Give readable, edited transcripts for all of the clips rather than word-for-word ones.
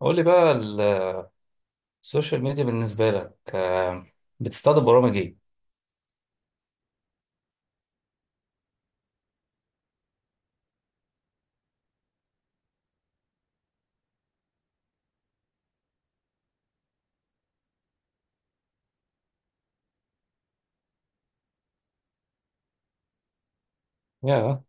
قول لي بقى السوشيال ميديا بالنسبة لك بتستخدم برامج ايه؟ يا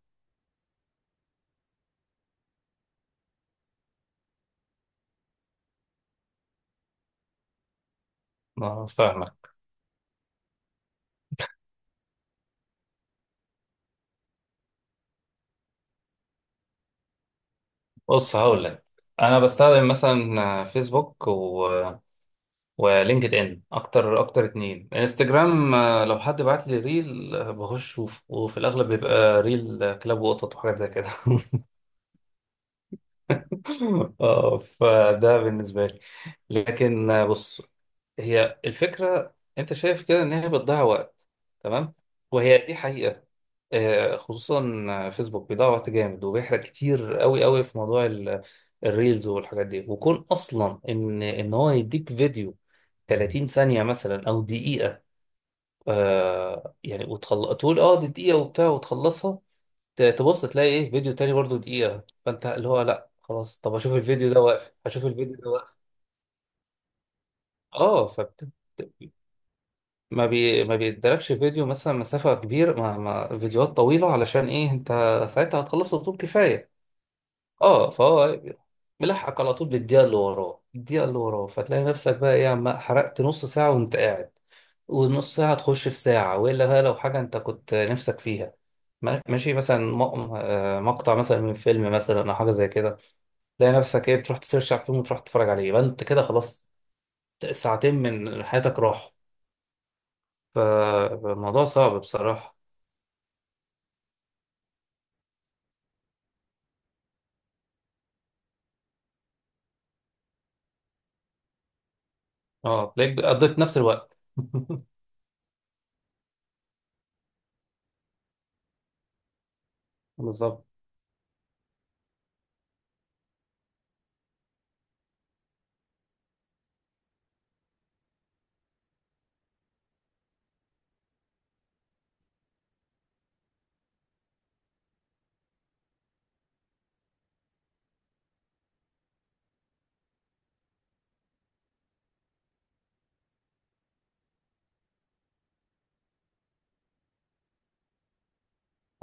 ما فاهمك. بص، هقول لك. انا بستخدم مثلا فيسبوك ولينكد ان اكتر، اتنين انستجرام. لو حد بعت لي ريل، بخش اشوفه، وفي الاغلب بيبقى ريل كلاب وقطط وحاجات زي كده. اه، فده بالنسبة لي. لكن بص، هي الفكرة انت شايف كده ان هي بتضيع وقت، تمام؟ وهي دي حقيقة. خصوصا فيسبوك بيضيع وقت جامد، وبيحرق كتير قوي قوي في موضوع الريلز والحاجات دي. وكون اصلا ان هو يديك فيديو 30 ثانية مثلا او دقيقة، وتخلص تقول اه دي دقيقة وبتاع، وتخلصها، تبص تلاقي ايه فيديو تاني برضو دقيقة، فانت اللي هو لا خلاص، طب اشوف الفيديو ده واقف، اشوف الفيديو ده واقف. اه، ما بيدركش فيديو مثلا مسافة كبيرة. ما فيديوهات طويلة علشان ايه، انت ساعتها هتخلصه بطول كفاية. اه، فهو ملحق على طول بالدقيقة اللي وراه، الدقيقة اللي وراه، فتلاقي نفسك بقى ايه، عم حرقت نص ساعة وانت قاعد، والنص ساعة تخش في ساعة. وإلا بقى لو حاجة أنت كنت نفسك فيها، ماشي، مثلا مقطع مثلا من فيلم مثلا أو حاجة زي كده، تلاقي نفسك ايه بتروح تسيرش على الفيلم وتروح تتفرج عليه، يبقى انت كده خلاص، ساعتين من حياتك راحوا. فالموضوع صعب بصراحة. اه، تلاقيك قضيت نفس الوقت. بالظبط.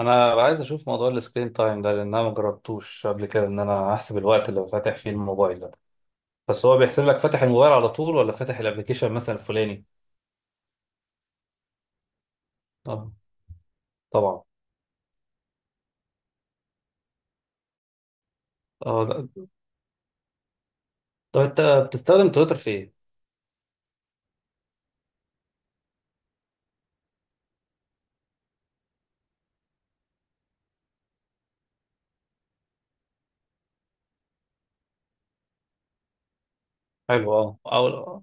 انا عايز اشوف موضوع السكرين تايم ده، لان انا ما جربتوش قبل كده، ان انا احسب الوقت اللي فاتح فيه الموبايل ده. بس هو بيحسب لك فاتح الموبايل على طول، ولا فاتح الابلكيشن مثلا الفلاني؟ اه، طبعا. اه، لا. طب انت بتستخدم تويتر في ايه؟ حلو، اه، او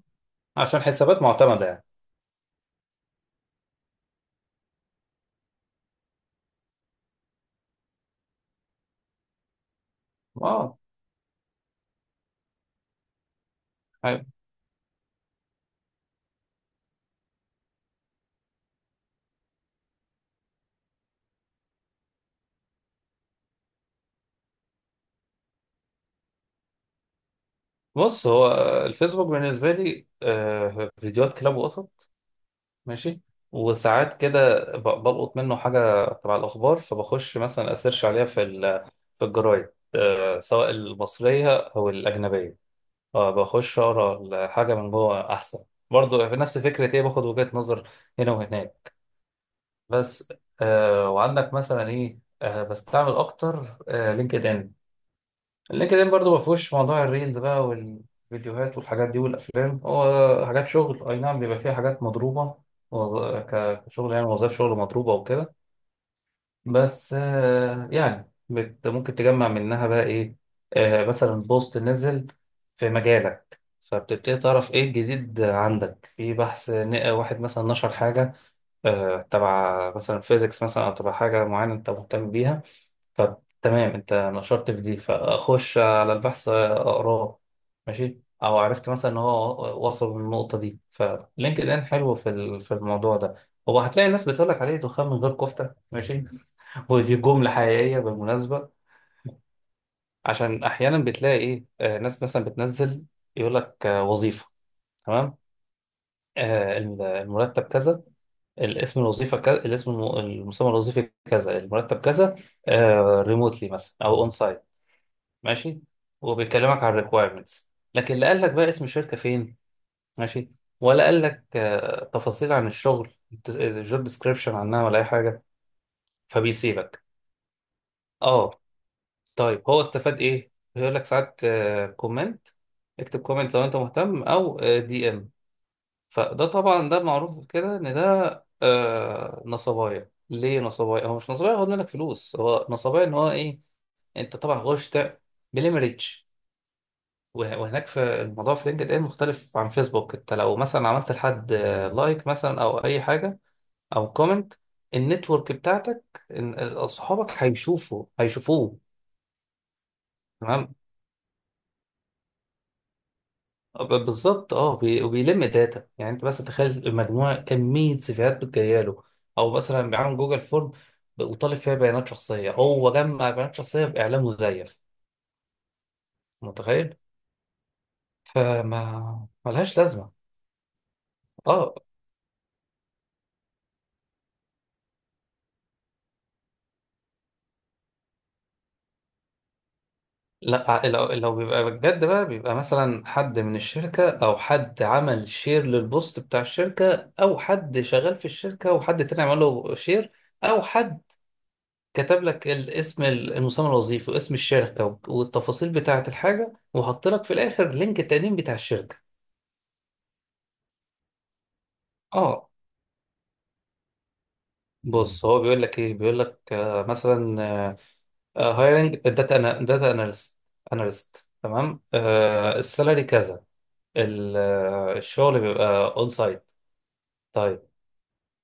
عشان حسابات معتمدة يعني. اه، بص، هو الفيسبوك بالنسبة لي فيديوهات كلاب وقطط، ماشي. وساعات كده بلقط منه حاجة تبع الأخبار، فبخش مثلا أسيرش عليها في في الجرايد، سواء المصرية أو الأجنبية. بخش أقرأ الحاجة من جوه أحسن، برضه في نفس فكرة إيه، باخد وجهة نظر هنا وهناك بس. وعندك مثلا إيه، بستعمل أكتر لينكد إن. اللينكدين برضه ما فيهوش موضوع الريلز بقى والفيديوهات والحاجات دي والافلام، هو حاجات شغل. اي نعم، بيبقى فيها حاجات مضروبه، كشغل يعني، وظائف شغل مضروبه وكده، بس بت ممكن تجمع منها بقى ايه، مثلا بوست نزل في مجالك، فبتبتدي تعرف ايه الجديد عندك في بحث، واحد مثلا نشر حاجه، تبع مثلا فيزيكس مثلا، او تبع حاجه معينه انت مهتم بيها. طب تمام، انت نشرت في دي، فاخش على البحث اقراه، ماشي. او عرفت مثلا ان هو وصل للنقطه دي. فلينكد ان حلو في في الموضوع ده، هو هتلاقي الناس بتقول لك عليه دخان من غير كفته، ماشي. ودي جمله حقيقيه بالمناسبه. عشان احيانا بتلاقي ايه ناس مثلا بتنزل، يقول لك وظيفه، تمام، المرتب كذا، الاسم الوظيفه كذا، المسمى الوظيفي كذا، المرتب كذا، ريموتلي مثلا او اون، ماشي، وبيكلمك عن الريكوايرمنتس. لكن لا قال لك بقى اسم الشركه فين، ماشي، ولا قال لك تفاصيل عن الشغل، الجوب ديسكريبشن عنها، ولا اي حاجه، فبيسيبك. اه. طيب هو استفاد ايه؟ بيقول لك ساعات كومنت، اكتب كومنت لو انت مهتم، او دي ام. فده طبعا ده معروف كده ان ده نصبايا. ليه نصبايا؟ هو مش نصبايا هو منك فلوس، هو نصبايا ان هو ايه، انت طبعا غشت بليمريتش. وهناك في الموضوع في لينكد ان مختلف عن فيسبوك، انت لو مثلا عملت لحد لايك مثلا، او اي حاجه، او كومنت، النتورك بتاعتك، اصحابك هيشوفوه، تمام؟ بالظبط، اه، وبيلم داتا يعني، انت بس تخيل مجموعه، كميه سيفيهات بتجيله له، او مثلا بيعمل جوجل فورم، وطالب فيها بيانات شخصيه، هو جمع بيانات شخصيه باعلام مزيف، متخيل؟ فما ملهاش لازمه. اه، لا، لو بيبقى بجد بقى، بيبقى مثلا حد من الشركة، أو حد عمل شير للبوست بتاع الشركة، أو حد شغال في الشركة وحد تاني عمل له شير، أو حد كتب لك الاسم المسمى الوظيفي واسم الشركة، والتفاصيل بتاعة الحاجة، وحط لك في الآخر لينك التقديم بتاع الشركة. اه، بص، هو بيقول لك ايه، بيقول لك مثلا هايرنج داتا اناليست، تمام، السالري كذا، الشغل بيبقى اون سايت، طيب،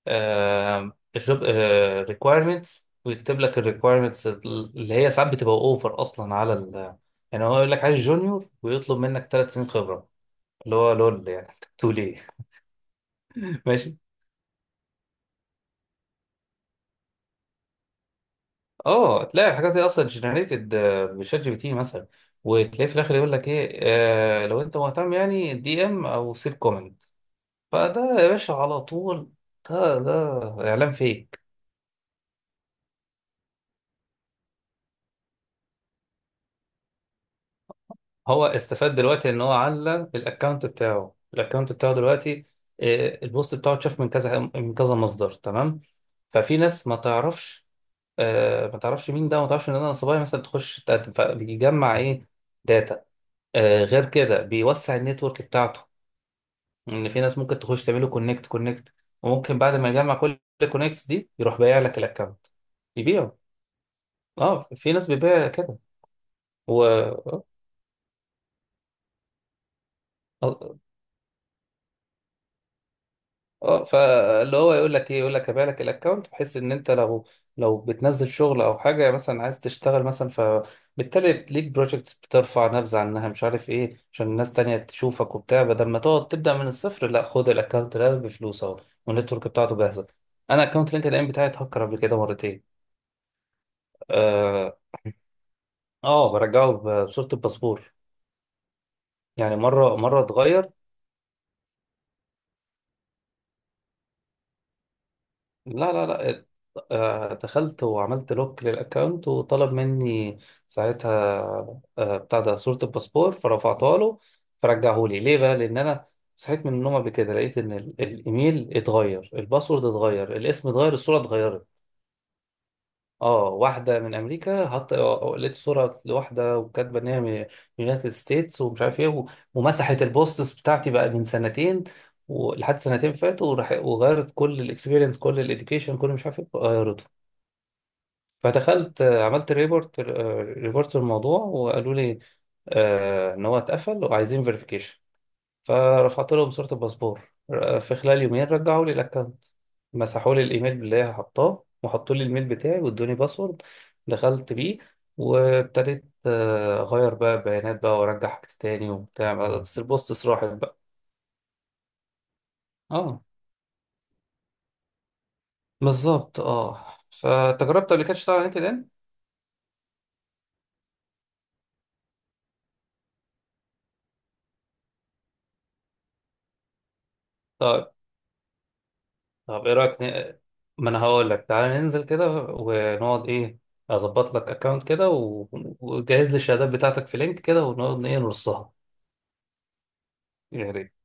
آه، الجوب آه requirements، ويكتب لك ال requirements اللي هي ساعات بتبقى اوفر اصلا على ال. يعني هو يقول لك عايز جونيور ويطلب منك ثلاث سنين خبره، اللي هو لول يعني، انت بتقول ايه. ماشي. اه، تلاقي الحاجات دي اصلا جنريتد بشات جي بي تي مثلا، وتلاقي في الاخر يقول لك ايه، آه، لو انت مهتم يعني، دي ام، او سيب كومنت. فده يا باشا على طول، ده ده اعلان فيك. هو استفاد دلوقتي ان هو علّى الاكونت بتاعه، الاكونت بتاعه دلوقتي البوست بتاعه اتشاف من كذا من كذا مصدر، تمام. ففي ناس ما تعرفش، ما تعرفش مين ده، ما تعرفش ان انا صبايا مثلا، تخش تقدم، فبيجمع ايه، داتا. غير كده بيوسع النتورك بتاعته، ان في ناس ممكن تخش تعمله كونكت كونكت، وممكن بعد ما يجمع كل الكونكتس دي، يروح بايع لك الاكونت. يبيعه؟ اه، في ناس بتبيع كده. و آه، اه، فاللي هو يقول لك هبيع لك الاكونت، بحيث ان انت لو بتنزل شغل او حاجه، مثلا عايز تشتغل مثلا، فبالتالي ليك بروجكتس، بترفع نبذه عنها، مش عارف ايه، عشان الناس تانية تشوفك وبتاع، بدل ما تقعد تبدا من الصفر، لا خد الاكونت ده بفلوس اهو، والنتورك بتاعته جاهزه. انا اكونت لينكد ان بتاعي اتهكر قبل كده مرتين. اه، برجعه بصوره الباسبور، يعني مره مره اتغير. لا لا لا، دخلت وعملت لوك للأكاونت، وطلب مني ساعتها بتاع ده صورة الباسبور، فرفعتها له، فرجعه لي. ليه بقى؟ لأن أنا صحيت من النوم قبل كده لقيت إن الإيميل اتغير، الباسورد اتغير، الاسم اتغير، الصورة اتغيرت. اه، واحدة من أمريكا حط، لقيت صورة لواحدة وكاتبة إن هي من يونايتد ستيتس ومش عارف إيه ومسحت البوستس بتاعتي بقى من سنتين، ولحد سنتين فاتوا، وغيرت كل الإكسبيرينس، كل الإديوكيشن، كل مش عارف إيه غيرته. فدخلت عملت ريبورت، ريبورت الموضوع، وقالوا لي إن هو اتقفل وعايزين فيريفيكيشن، فرفعت لهم صورة الباسبور. في خلال يومين رجعوا لي الأكونت، مسحوا لي الايميل اللي هي حطاه، وحطوا لي الميل بتاعي، وادوني باسورد، دخلت بيه، وابتديت اغير بقى بيانات بقى، وارجع حاجات تاني وبتاع، بس البوستس راحت بقى. اه، بالظبط اه. فانت جربت قبل كده تشتغل على لينكد ان؟ طيب، طب ايه رايك ما انا هقول لك، تعالى ننزل كده ونقعد ايه، اظبط لك اكونت كده، وجهز لي الشهادات بتاعتك في لينك كده، ونقعد ايه نرصها يعني.